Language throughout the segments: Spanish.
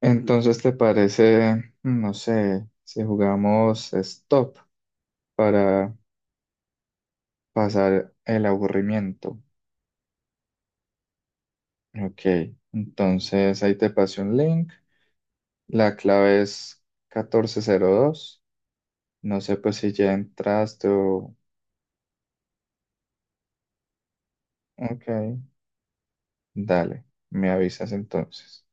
Entonces, ¿te parece, no sé, si jugamos stop para pasar el aburrimiento? Ok, entonces ahí te pasé un link. La clave es 1402. No sé, pues, si ya entraste o. Ok, dale, me avisas entonces.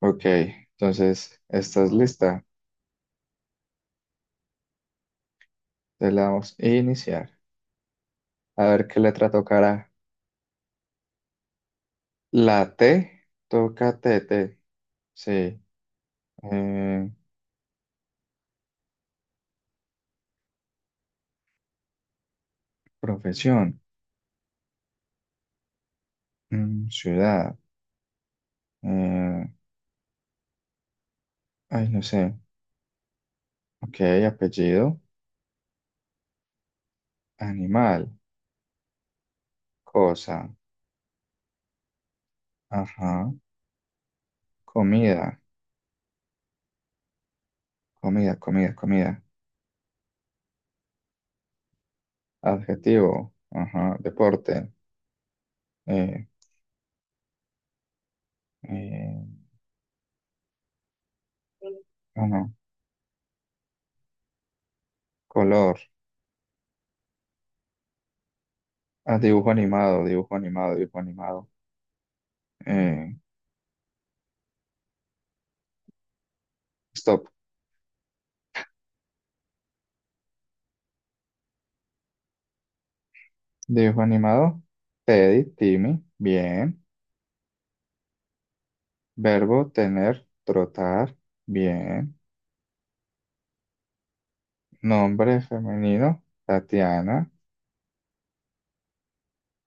Ok, entonces, ¿estás lista? Te la damos a iniciar. A ver qué letra tocará. La T, toca T, T. Sí. Eh, Profesión, ciudad, eh, ay, no sé. Ok, apellido, animal, cosa, ajá, comida, comida, comida, comida, adjetivo, ajá, deporte, eh, eh, ah, no, color, ah, dibujo animado, dibujo animado, dibujo animado, eh, stop, dibujo animado, Teddy, Timmy, bien, verbo, tener, trotar, bien. Nombre femenino, Tatiana.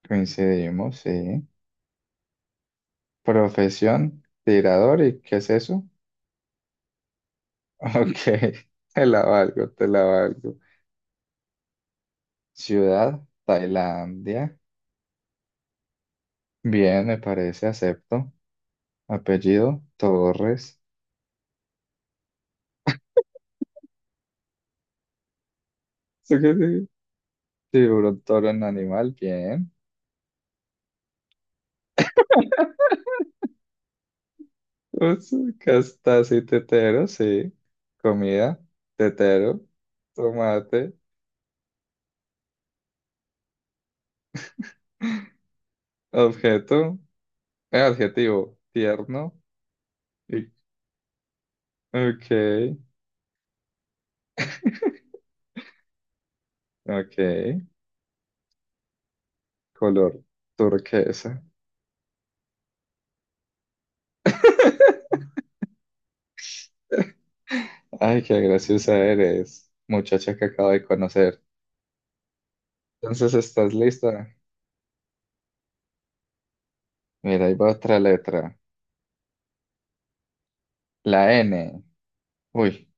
Coincidimos, sí. Profesión, tirador. ¿Y qué es eso? Ok, te la valgo, te la valgo. Ciudad, Tailandia. Bien, me parece, acepto. Apellido, Torres. ¿Eso qué significa? Tiburón, toro en animal, bien. Ups, Castasi, y tetero, sí. Comida, tetero. Tomate. Objeto, adjetivo, tierno. y Ok, ok. Color turquesa. Ay, qué graciosa eres, muchacha que acabo de conocer. Entonces, ¿estás lista? Mira, ahí va otra letra. La N. Uy,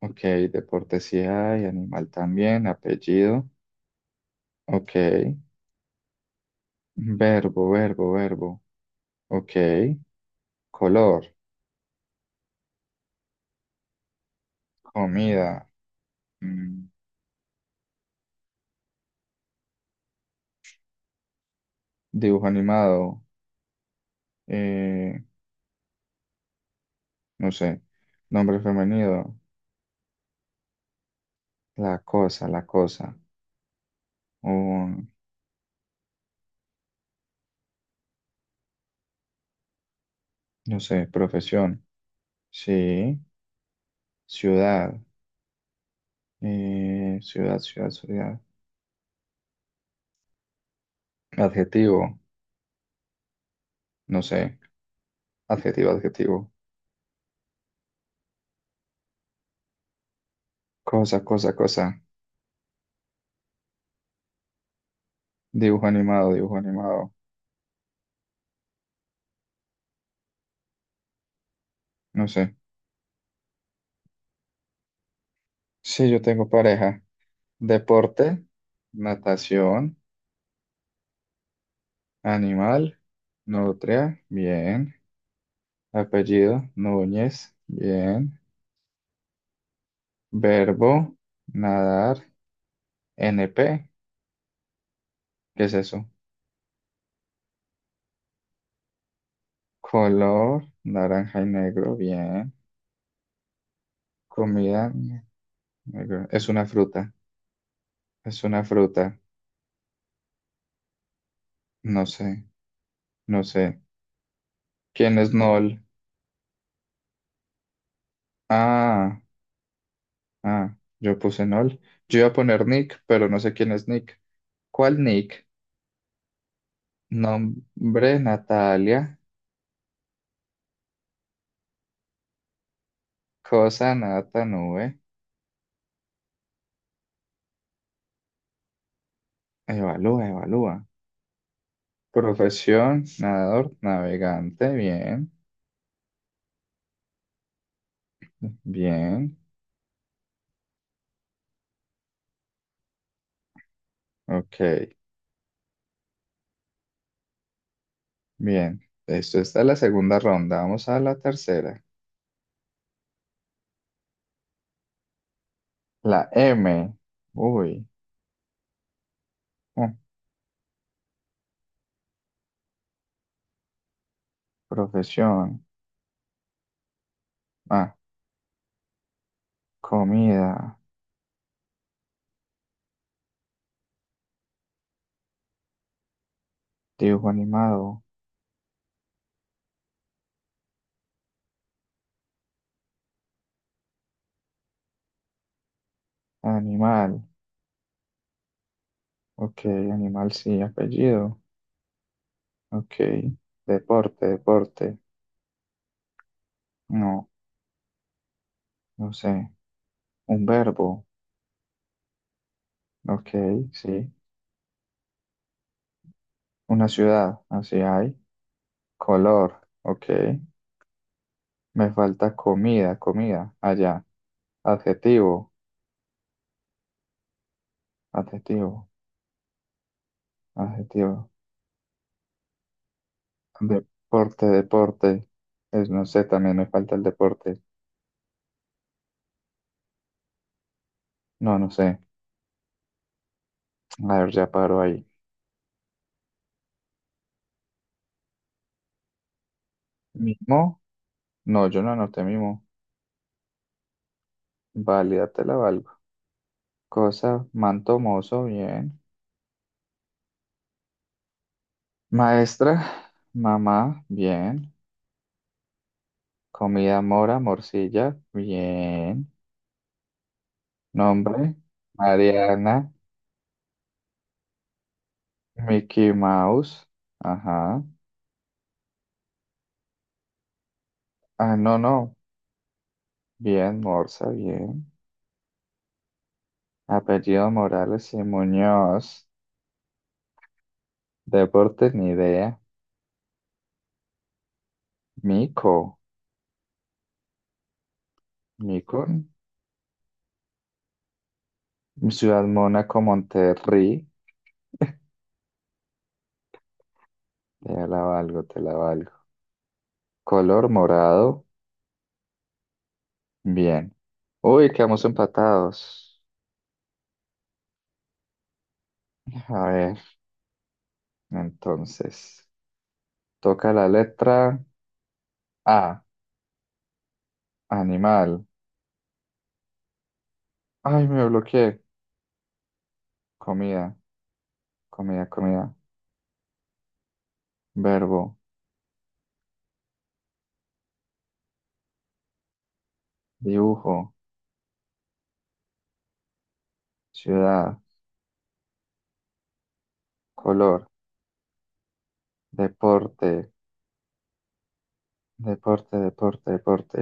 ok. Deporte sí hay, animal también, apellido. Ok. Verbo, verbo, verbo. Ok. Color, comida, mm, dibujo animado, eh, no sé, nombre femenino, la cosa, la cosa. O no sé, profesión, sí, ciudad, ciudad, ciudad, ciudad, adjetivo, no sé, adjetivo, adjetivo, cosa, cosa, cosa, dibujo animado, no sé. Sí, yo tengo pareja, deporte, natación, animal, nutria, bien, apellido, Núñez, bien, verbo, nadar, NP, ¿qué es eso? Color naranja y negro, bien. Comida negro. Es una fruta. Es una fruta. No sé, no sé. ¿Quién es Nol? Ah, ah, yo puse Nol. Yo iba a poner Nick, pero no sé quién es Nick. ¿Cuál Nick? Nombre Natalia. Cosa nata nube. Evalúa, evalúa. Profesión, nadador, navegante. Bien, bien. Ok, bien. Esto está en la segunda ronda. Vamos a la tercera. La M. Uy. mm, Profesión. Ah, comida. Dibujo animado. Animal. Ok, animal sí. Apellido. Ok. Deporte, deporte. No, no sé. Un verbo. Ok, sí. Una ciudad. Así hay. Color. Ok. Me falta comida, comida. Allá. Adjetivo. Adjetivo. Adjetivo. Deporte, deporte. Es, no sé, también me falta el deporte. No, no sé. A ver, ya paro ahí. ¿Mimo? No, yo no anoté mimo. Válida, te la valgo. Cosa, manto mozo, bien. Maestra, mamá, bien. Comida mora, morcilla, bien. Nombre, Mariana, Mickey Mouse, ajá. Ah, no, no, bien, Morsa, bien. Apellido Morales y Muñoz. Deporte, ni idea. Mico, Mico, Ciudad Mónaco, Monterrey. Te la valgo, te la valgo. Color morado. Bien. Uy, quedamos empatados. A ver, entonces. Toca la letra A. Animal. Ay, me bloqueé. Comida, comida, comida. Verbo, dibujo, ciudad, color, deporte, deporte, deporte, deporte.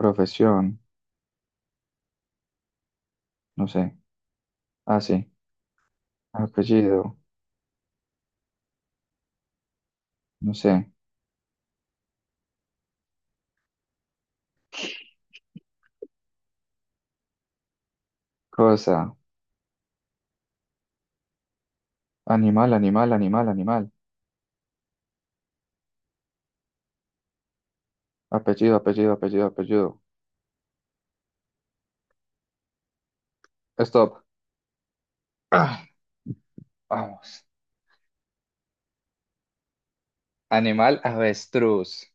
Profesión, no sé. Ah, sí. Apellido, no sé. Cosa. Animal, animal, animal, animal. Apellido, apellido, apellido, apellido. Stop. Ah, vamos. Animal, avestruz.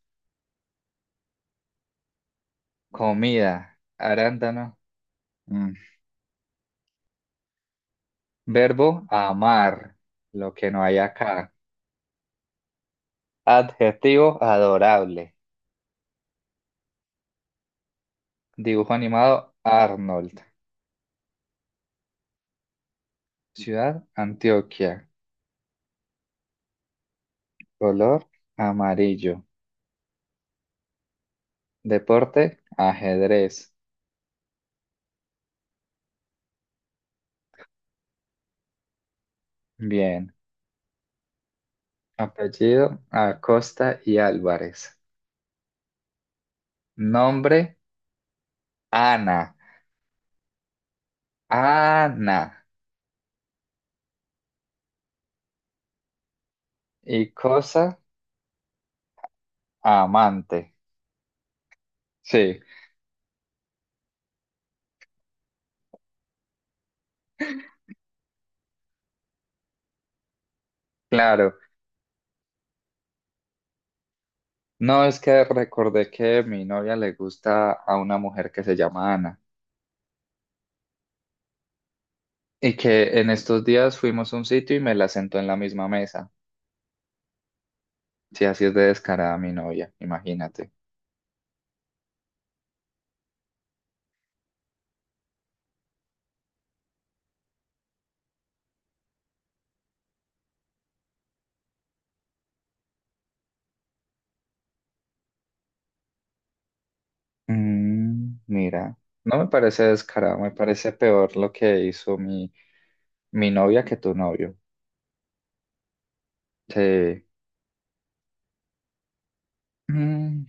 Comida, arándano. Mm. Verbo, amar. Lo que no hay acá. Adjetivo, adorable. Dibujo animado, Arnold. Ciudad, Antioquia. Color, amarillo. Deporte, ajedrez. Bien. Apellido, Acosta y Álvarez. Nombre, Ana. Ana. Y cosa, amante. Sí, claro. No es que recordé que mi novia le gusta a una mujer que se llama Ana y que en estos días fuimos a un sitio y me la sentó en la misma mesa. Sí, así es de descarada mi novia, imagínate. Mira, no me parece descarado, me parece peor lo que hizo mi novia que tu novio. Sí. Mm,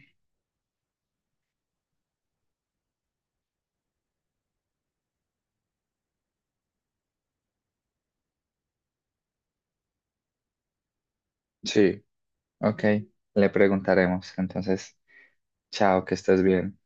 sí, ok, le preguntaremos. Entonces, chao, que estés bien.